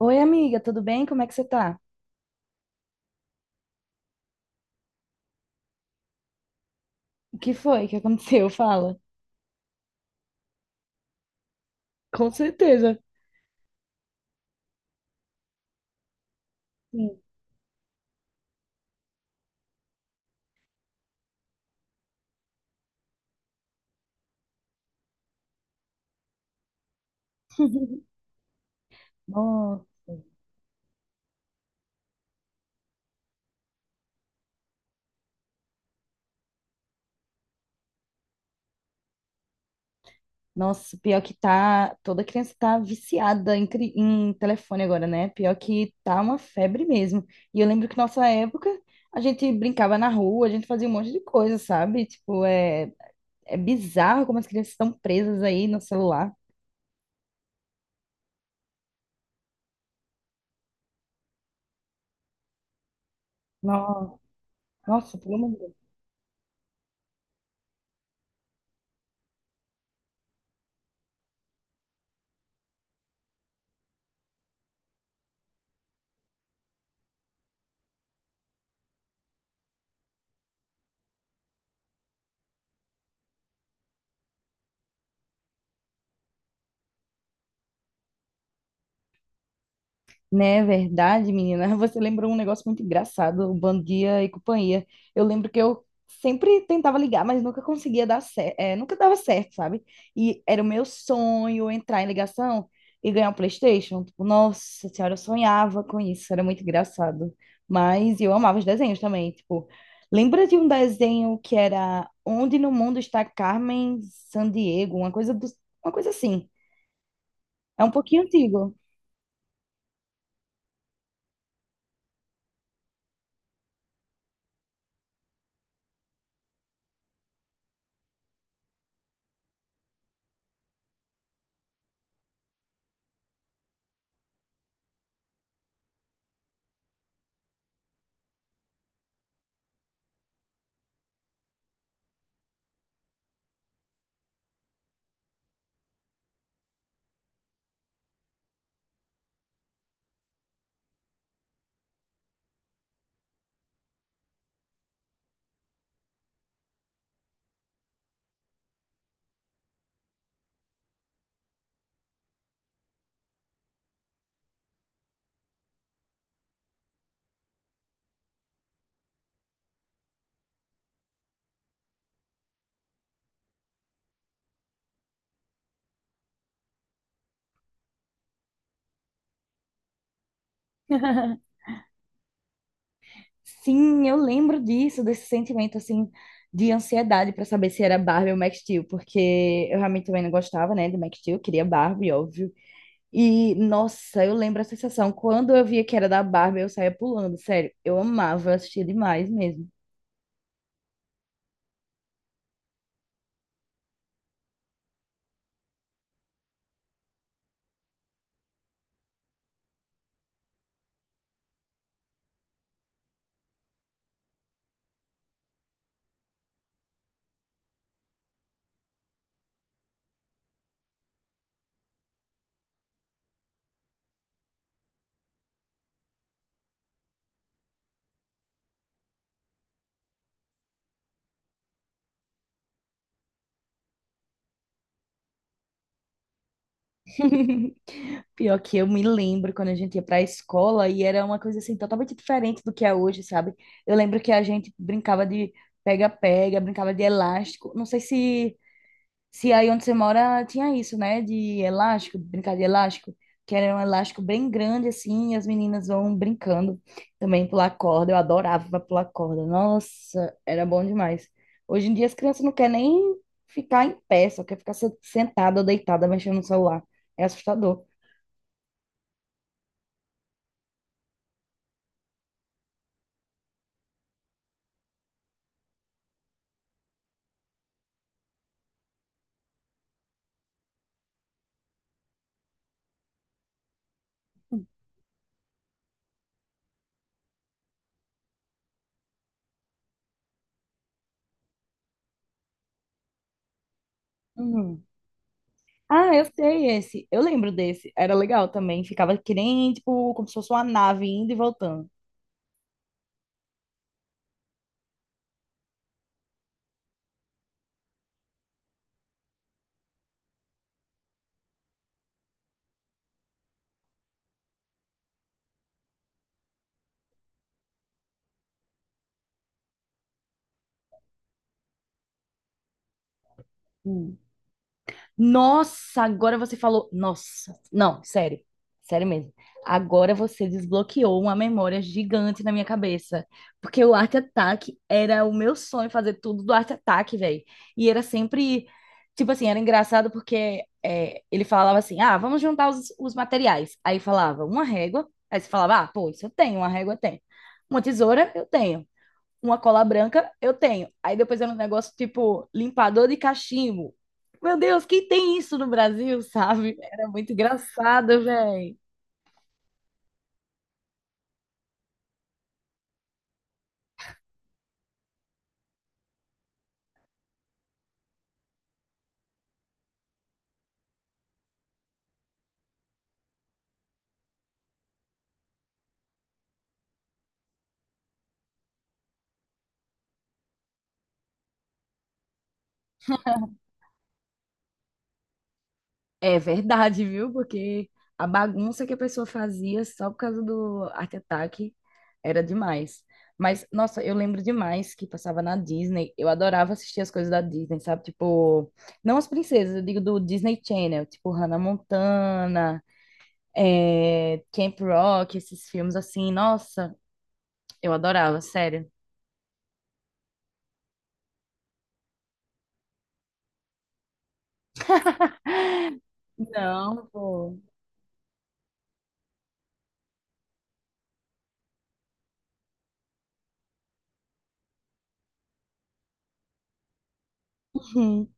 Oi, amiga, tudo bem? Como é que você tá? O que foi que aconteceu? Fala. Com certeza. Sim. Nossa, nossa, pior que tá. Toda criança tá viciada em telefone agora, né? Pior que tá uma febre mesmo. E eu lembro que nossa época a gente brincava na rua, a gente fazia um monte de coisa, sabe? Tipo, é bizarro como as crianças estão presas aí no celular. Nossa, nossa, pelo amor de Deus. Né, verdade, menina. Você lembrou um negócio muito engraçado, o Bom Dia e Companhia. Eu lembro que eu sempre tentava ligar, mas nunca conseguia dar certo, nunca dava certo, sabe? E era o meu sonho entrar em ligação e ganhar um PlayStation. Tipo, nossa senhora, eu sonhava com isso, era muito engraçado. Mas eu amava os desenhos também, tipo, lembra de um desenho que era Onde no Mundo está Carmen Sandiego, uma coisa do, uma coisa assim. É um pouquinho antigo. Sim, eu lembro disso, desse sentimento assim de ansiedade para saber se era Barbie ou Max Steel, porque eu realmente também não gostava, né, de Max Steel, queria Barbie, óbvio. E nossa, eu lembro a sensação quando eu via que era da Barbie, eu saía pulando, sério. Eu amava assistir demais mesmo. Pior que eu me lembro quando a gente ia pra escola e era uma coisa assim totalmente diferente do que é hoje, sabe? Eu lembro que a gente brincava de pega-pega, brincava de elástico. Não sei se se aí onde você mora tinha isso, né? De elástico, brincar de elástico, que era um elástico bem grande assim, e as meninas vão brincando também pular corda. Eu adorava pular corda. Nossa, era bom demais. Hoje em dia as crianças não querem nem ficar em pé, só quer ficar sentada ou deitada mexendo no celular. É assustador. Uhum. Ah, eu sei esse. Eu lembro desse. Era legal também. Ficava que nem, tipo, como se fosse uma nave indo e voltando. Nossa, agora você falou. Nossa, não, sério, sério mesmo. Agora você desbloqueou uma memória gigante na minha cabeça. Porque o Art Attack era o meu sonho fazer tudo do Art Attack, velho. E era sempre. Tipo assim, era engraçado porque ele falava assim: ah, vamos juntar os materiais. Aí falava uma régua, aí você falava: ah, pô, isso eu tenho, uma régua eu tenho. Uma tesoura eu tenho uma cola branca, eu tenho. Aí depois era um negócio tipo limpador de cachimbo. Meu Deus, quem tem isso no Brasil, sabe? Era muito engraçado, velho. É verdade, viu? Porque a bagunça que a pessoa fazia só por causa do Art Attack era demais. Mas, nossa, eu lembro demais que passava na Disney. Eu adorava assistir as coisas da Disney, sabe? Tipo, não as princesas, eu digo do Disney Channel, tipo Hannah Montana, Camp Rock, esses filmes assim. Nossa, eu adorava, sério. Não, pô. Uhum.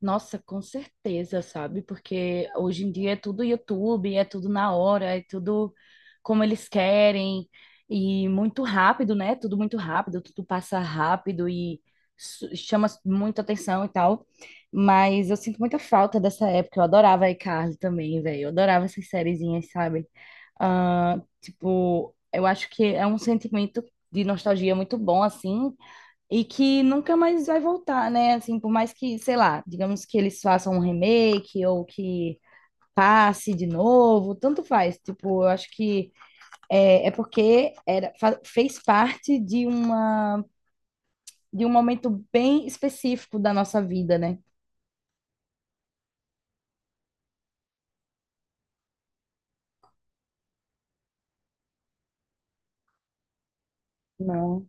Nossa, com certeza, sabe? Porque hoje em dia é tudo YouTube, é tudo na hora, é tudo como eles querem e muito rápido, né? Tudo muito rápido, tudo passa rápido e chama muita atenção e tal. Mas eu sinto muita falta dessa época. Eu adorava a iCarly também, velho. Eu adorava essas sériezinhas, sabe? Ah, tipo, eu acho que é um sentimento de nostalgia muito bom, assim, e que nunca mais vai voltar, né? Assim, por mais que, sei lá, digamos que eles façam um remake ou que passe de novo, tanto faz. Tipo, eu acho que é porque era, fez parte de uma, de um momento bem específico da nossa vida, né? Não.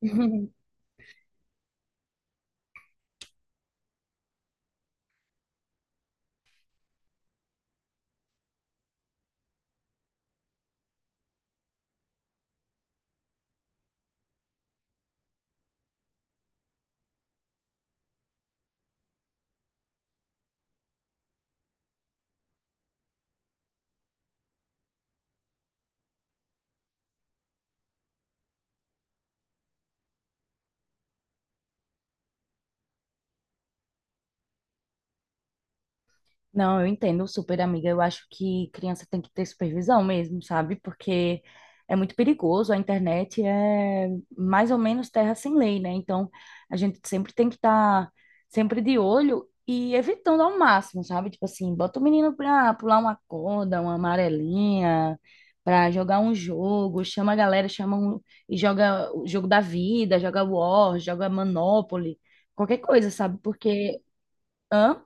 Não, eu entendo super, amiga. Eu acho que criança tem que ter supervisão mesmo, sabe? Porque é muito perigoso. A internet é mais ou menos terra sem lei, né? Então, a gente sempre tem que estar sempre de olho e evitando ao máximo, sabe? Tipo assim, bota o menino pra pular uma corda, uma amarelinha, pra jogar um jogo, chama a galera, chama um, e joga o jogo da vida, joga War, joga Monopoly, qualquer coisa, sabe? Porque. Hã?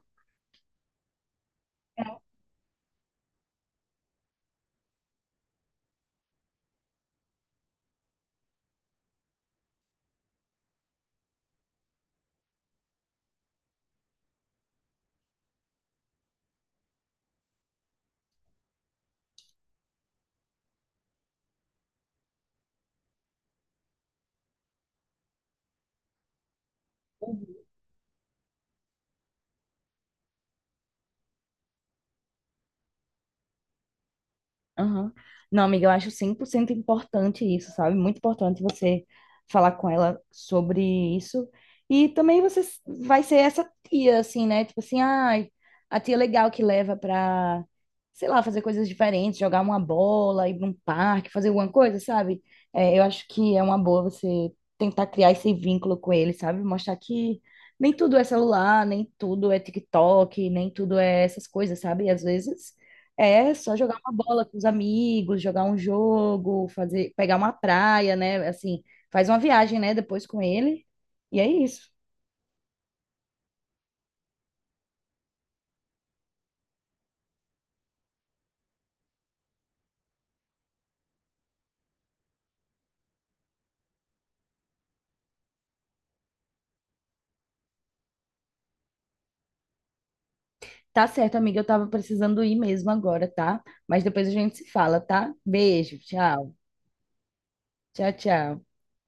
Aham. Não, amiga, eu acho 100% importante isso, sabe? Muito importante você falar com ela sobre isso. E também você vai ser essa tia, assim, né? Tipo assim, ai, a tia legal que leva pra, sei lá, fazer coisas diferentes, jogar uma bola, ir pra um parque, fazer alguma coisa, sabe? É, eu acho que é uma boa você tentar criar esse vínculo com ele, sabe? Mostrar que nem tudo é celular, nem tudo é TikTok, nem tudo é essas coisas, sabe? Às vezes. É só jogar uma bola com os amigos, jogar um jogo, fazer, pegar uma praia, né? Assim, faz uma viagem, né? Depois com ele. E é isso. Tá certo, amiga. Eu tava precisando ir mesmo agora, tá? Mas depois a gente se fala, tá? Beijo, tchau. Tchau, tchau.